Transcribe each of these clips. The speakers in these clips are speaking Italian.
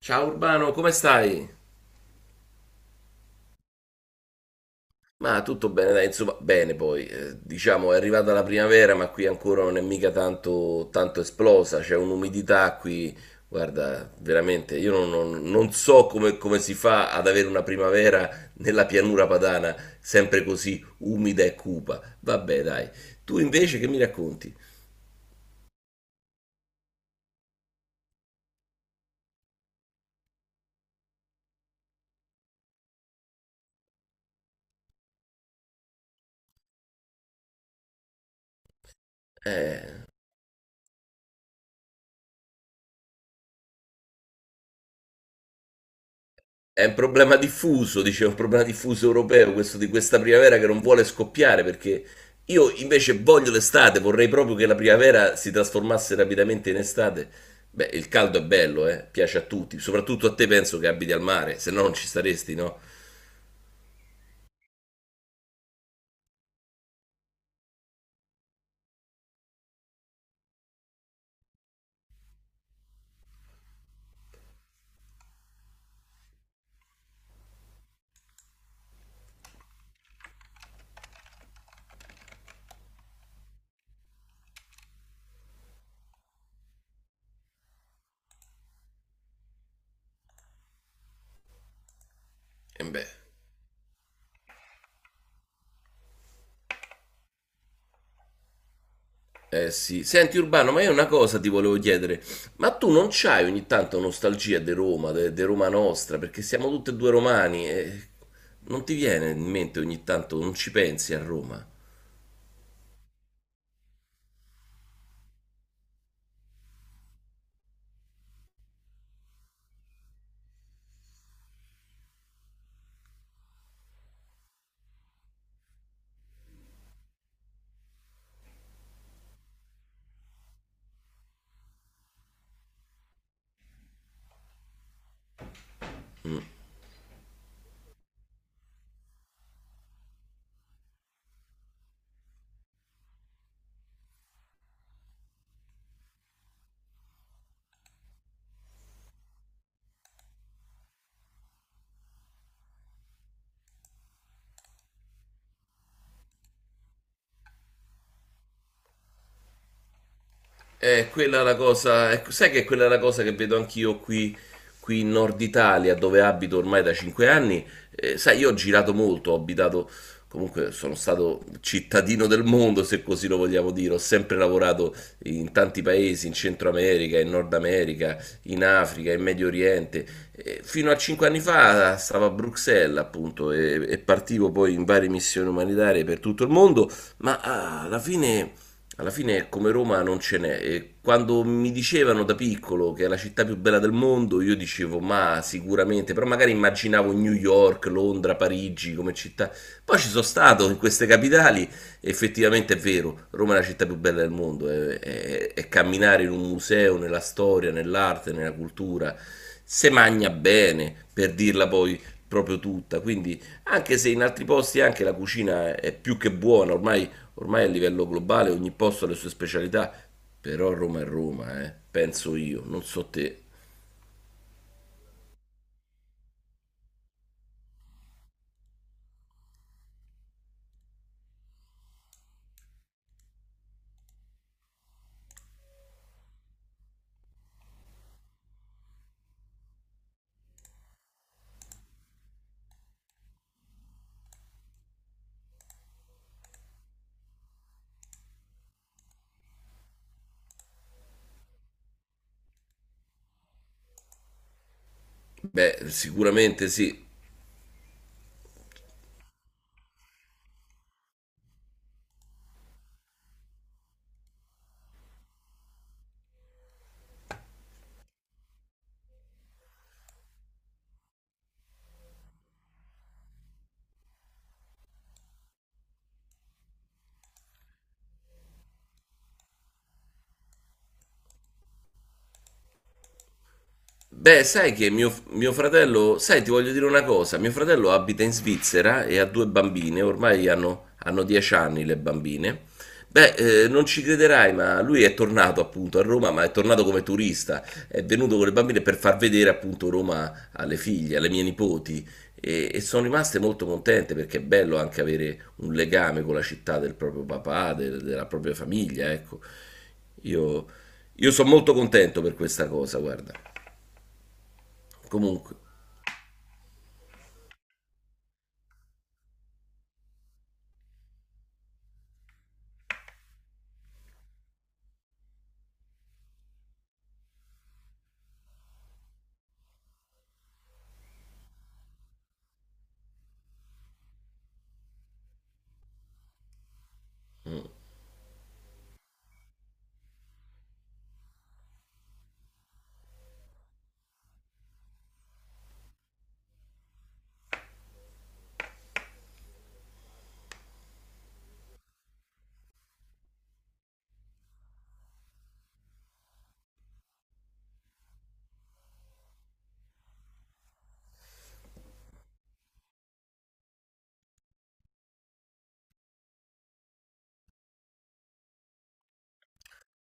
Ciao Urbano, come stai? Ma tutto bene, dai, insomma, bene poi. Diciamo è arrivata la primavera, ma qui ancora non è mica tanto esplosa, c'è un'umidità qui. Guarda, veramente, io non, non- non so come si fa ad avere una primavera nella pianura padana, sempre così umida e cupa. Vabbè, dai. Tu invece che mi racconti? Eh, È un problema diffuso, dicevo, un problema diffuso europeo, questo di questa primavera che non vuole scoppiare, perché io invece voglio l'estate, vorrei proprio che la primavera si trasformasse rapidamente in estate. Beh, il caldo è bello, piace a tutti, soprattutto a te penso che abiti al mare, se no non ci staresti, no? E beh, eh sì. Senti Urbano, ma io una cosa ti volevo chiedere, ma tu non c'hai ogni tanto nostalgia di Roma nostra, perché siamo tutti e due romani e non ti viene in mente ogni tanto, non ci pensi a Roma? Quella è la cosa, ecco, sai che quella è la cosa che vedo anch'io qui, qui in Nord Italia, dove abito ormai da 5 anni. Sai, io ho girato molto, ho abitato, comunque sono stato cittadino del mondo, se così lo vogliamo dire. Ho sempre lavorato in tanti paesi, in Centro America, in Nord America, in Africa, in Medio Oriente. Fino a 5 anni fa stavo a Bruxelles, appunto, e partivo poi in varie missioni umanitarie per tutto il mondo, ma alla fine come Roma non ce n'è e quando mi dicevano da piccolo che è la città più bella del mondo, io dicevo ma sicuramente, però magari immaginavo New York, Londra, Parigi come città. Poi ci sono stato in queste capitali e effettivamente è vero, Roma è la città più bella del mondo, è camminare in un museo, nella storia, nell'arte, nella cultura, se magna bene, per dirla poi proprio tutta, quindi anche se in altri posti anche la cucina è più che buona. Ormai a livello globale ogni posto ha le sue specialità, però Roma è Roma, penso io, non so te. Beh, sicuramente sì. Beh, sai che mio fratello, sai, ti voglio dire una cosa, mio fratello abita in Svizzera e ha due bambine, ormai hanno 10 anni le bambine. Beh, non ci crederai, ma lui è tornato appunto a Roma, ma è tornato come turista, è venuto con le bambine per far vedere appunto Roma alle figlie, alle mie nipoti e sono rimaste molto contente perché è bello anche avere un legame con la città del proprio papà, della propria famiglia, ecco. Io, io sono molto contento per questa cosa, guarda. Comunque.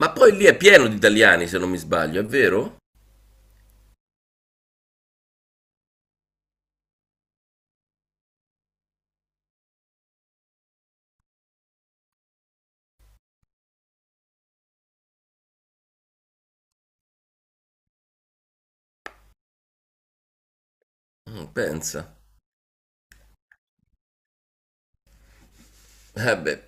Ma poi lì è pieno di italiani, se non mi sbaglio, è vero? Mm, pensa. Eh beh,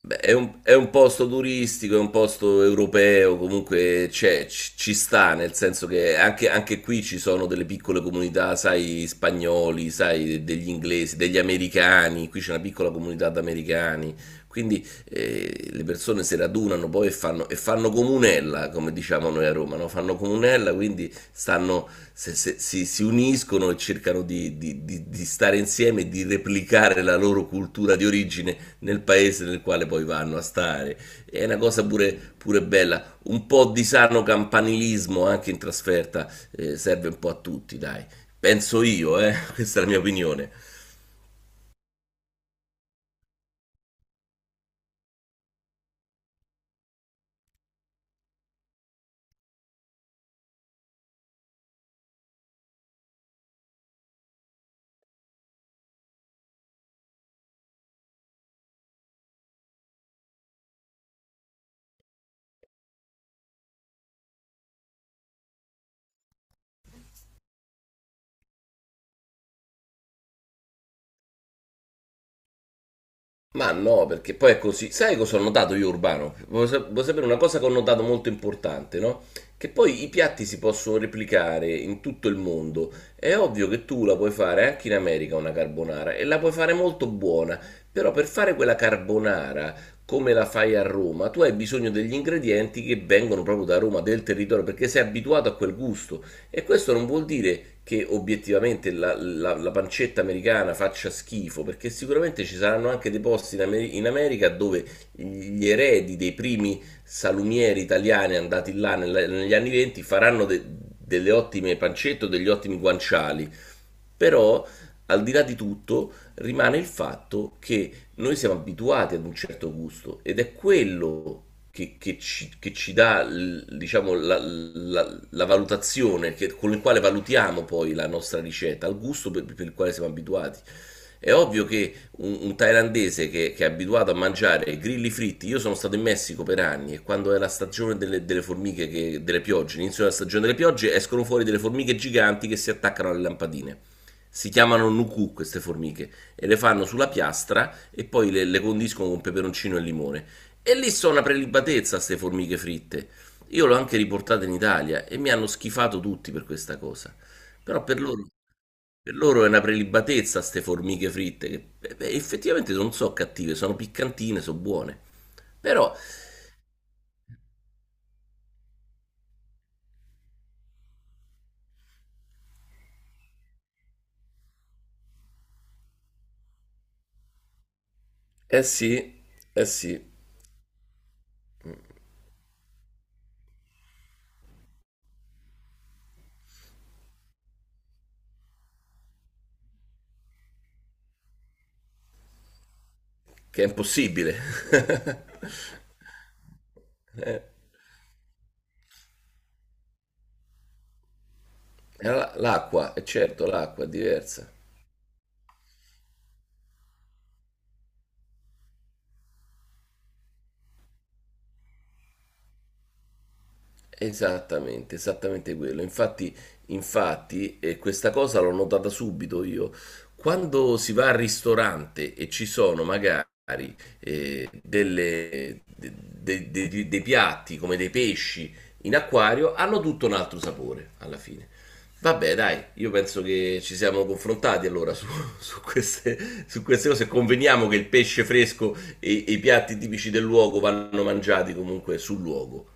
beh, è è un posto turistico, è un posto europeo, comunque ci sta, nel senso che anche qui ci sono delle piccole comunità, sai, spagnoli, sai, degli inglesi, degli americani, qui c'è una piccola comunità di americani, quindi le persone si radunano poi e e fanno comunella, come diciamo noi a Roma, no? Fanno comunella, quindi stanno, si uniscono e cercano di stare insieme e di replicare la loro cultura di origine nel paese nel quale poi vanno a stare. È una cosa pure bella, un po' di sano campanilismo anche in trasferta serve un po' a tutti, dai. Penso io, questa è la mia opinione. Ma no, perché poi è così. Sai cosa ho notato io, Urbano? Vuoi sapere una cosa che ho notato molto importante, no? Che poi i piatti si possono replicare in tutto il mondo. È ovvio che tu la puoi fare anche in America una carbonara e la puoi fare molto buona, però per fare quella carbonara come la fai a Roma, tu hai bisogno degli ingredienti che vengono proprio da Roma, del territorio, perché sei abituato a quel gusto. E questo non vuol dire che obiettivamente la pancetta americana faccia schifo, perché sicuramente ci saranno anche dei posti in America dove gli eredi dei primi salumieri italiani andati là negli anni 20 delle ottime pancette o degli ottimi guanciali. Però, al di là di tutto, rimane il fatto che noi siamo abituati ad un certo gusto ed è quello che ci dà, diciamo, la valutazione con il quale valutiamo poi la nostra ricetta, al gusto per il quale siamo abituati. È ovvio che un thailandese che è abituato a mangiare grilli fritti, io sono stato in Messico per anni e quando è la stagione delle formiche, delle piogge, l'inizio della stagione delle piogge, escono fuori delle formiche giganti che si attaccano alle lampadine. Si chiamano nuku queste formiche e le fanno sulla piastra e poi le condiscono con peperoncino e limone. E lì sono una prelibatezza queste formiche fritte. Io l'ho anche riportata in Italia e mi hanno schifato tutti per questa cosa. Però per loro è una prelibatezza queste formiche fritte, che beh, beh, effettivamente non sono cattive, sono piccantine, sono buone. Però, eh sì, eh sì, che è impossibile. L'acqua, è certo, l'acqua è diversa. Esattamente, esattamente quello. Infatti, infatti, questa cosa l'ho notata subito io. Quando si va al ristorante e ci sono magari dei piatti come dei pesci in acquario, hanno tutto un altro sapore alla fine. Vabbè, dai, io penso che ci siamo confrontati allora su, su su queste cose. Conveniamo che il pesce fresco e i piatti tipici del luogo vanno mangiati comunque sul luogo.